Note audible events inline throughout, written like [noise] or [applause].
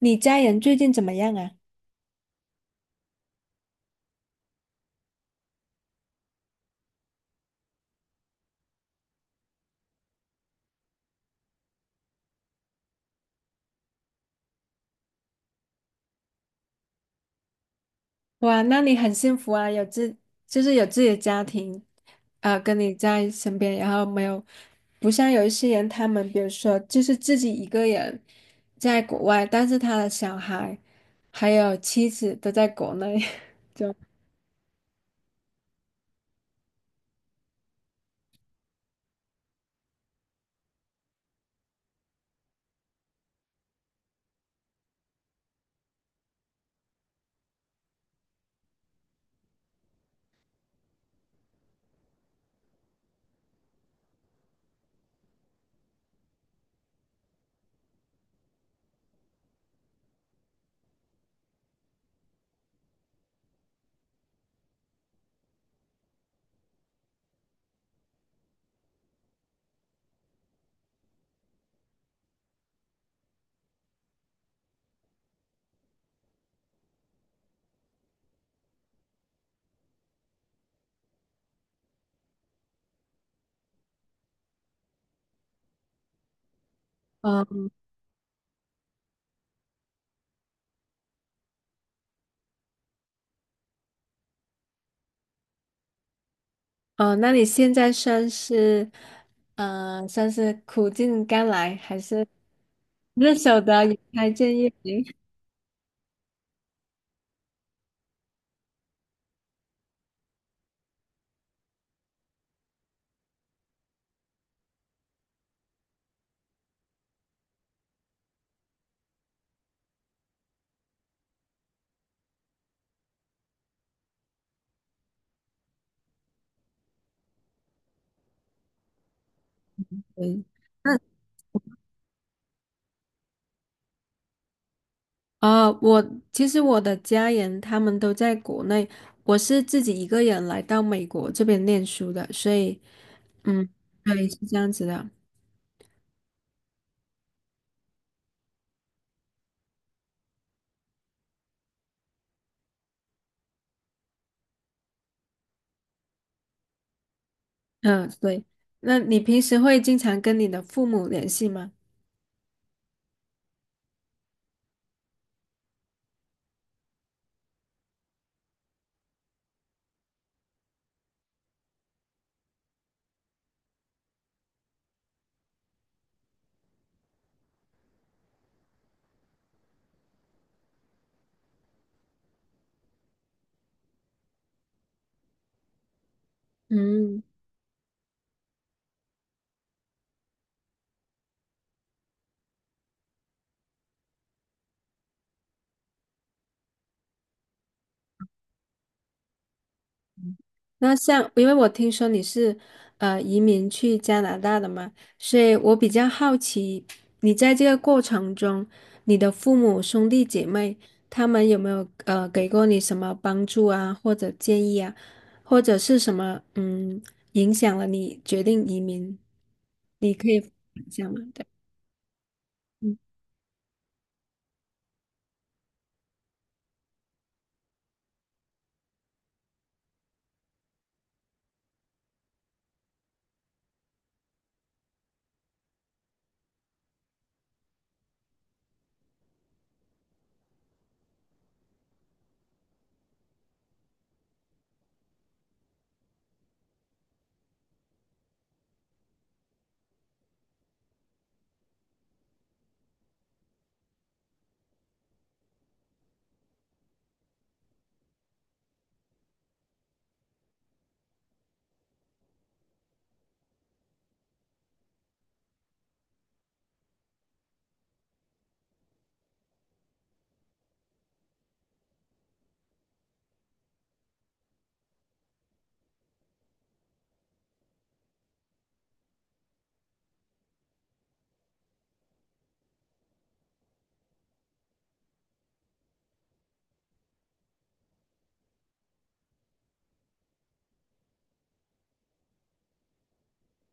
你家人最近怎么样啊？哇，那你很幸福啊，有自己的家庭，跟你在身边，然后没有，不像有一些人，他们比如说就是自己一个人在国外，但是他的小孩还有妻子都在国内。[laughs] 就嗯嗯，那你现在算是算是苦尽甘来，还是 [laughs] 日手的也开建议。明？嗯。啊，我其实我的家人他们都在国内，我是自己一个人来到美国这边念书的。所以，嗯，对，是这样子的。嗯，对。那你平时会经常跟你的父母联系吗？嗯。那像，因为我听说你是移民去加拿大的嘛，所以我比较好奇，你在这个过程中，你的父母兄弟姐妹他们有没有给过你什么帮助啊，或者建议啊，或者是什么嗯影响了你决定移民？你可以分享吗？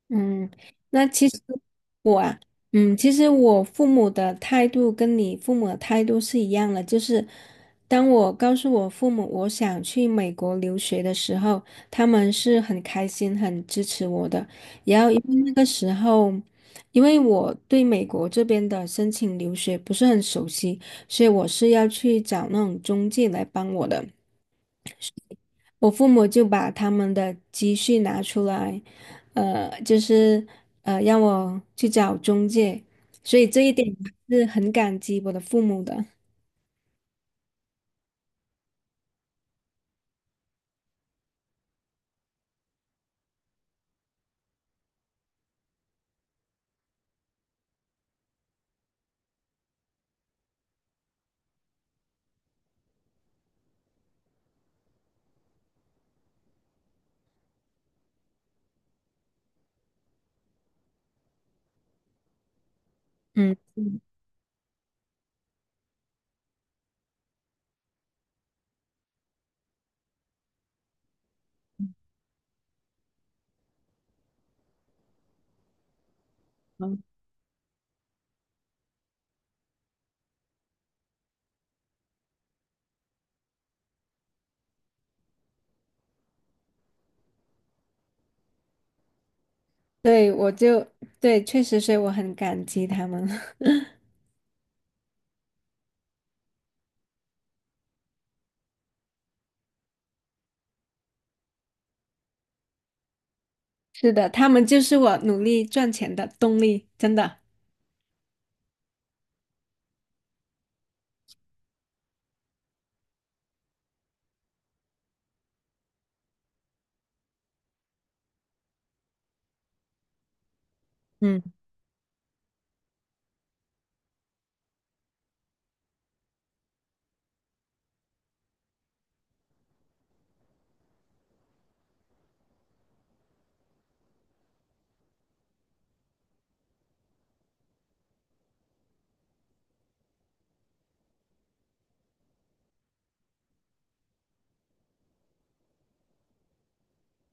嗯，那其实我啊，嗯，其实我父母的态度跟你父母的态度是一样的，就是当我告诉我父母我想去美国留学的时候，他们是很开心、很支持我的。然后因为那个时候，因为我对美国这边的申请留学不是很熟悉，所以我是要去找那种中介来帮我的。我父母就把他们的积蓄拿出来，呃，就是让我去找中介，所以这一点我是很感激我的父母的。嗯，嗯对，对，确实，所以我很感激他们。[laughs] 是的，他们就是我努力赚钱的动力，真的。嗯，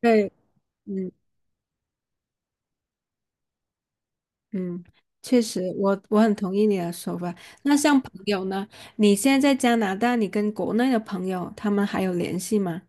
对，嗯嗯，确实，我很同意你的说法。那像朋友呢？你现在在加拿大，你跟国内的朋友他们还有联系吗？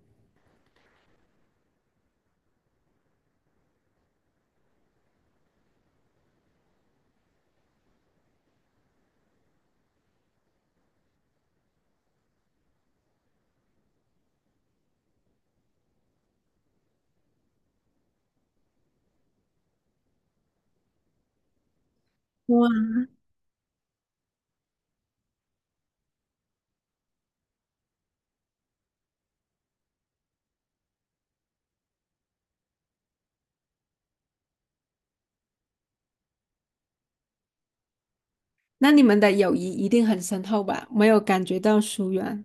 那你们的友谊一定很深厚吧？没有感觉到疏远。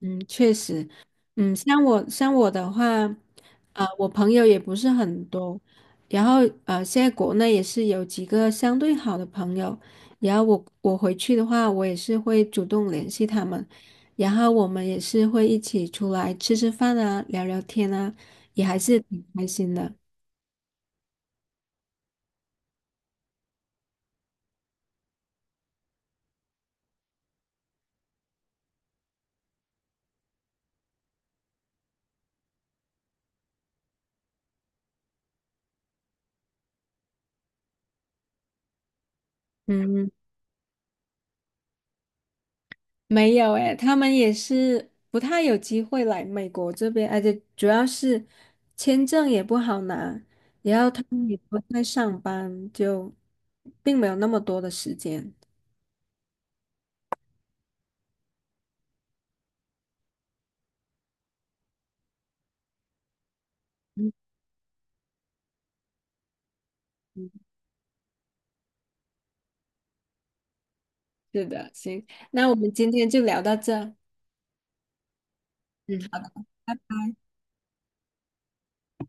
嗯，确实。嗯，像我的话，呃，我朋友也不是很多，然后呃，现在国内也是有几个相对好的朋友，然后我回去的话，我也是会主动联系他们，然后我们也是会一起出来吃吃饭啊，聊聊天啊，也还是挺开心的。嗯。没有诶，他们也是不太有机会来美国这边，而且主要是签证也不好拿，然后他们也不太上班，就并没有那么多的时间。嗯，是的，行，那我们今天就聊到这。嗯，好的。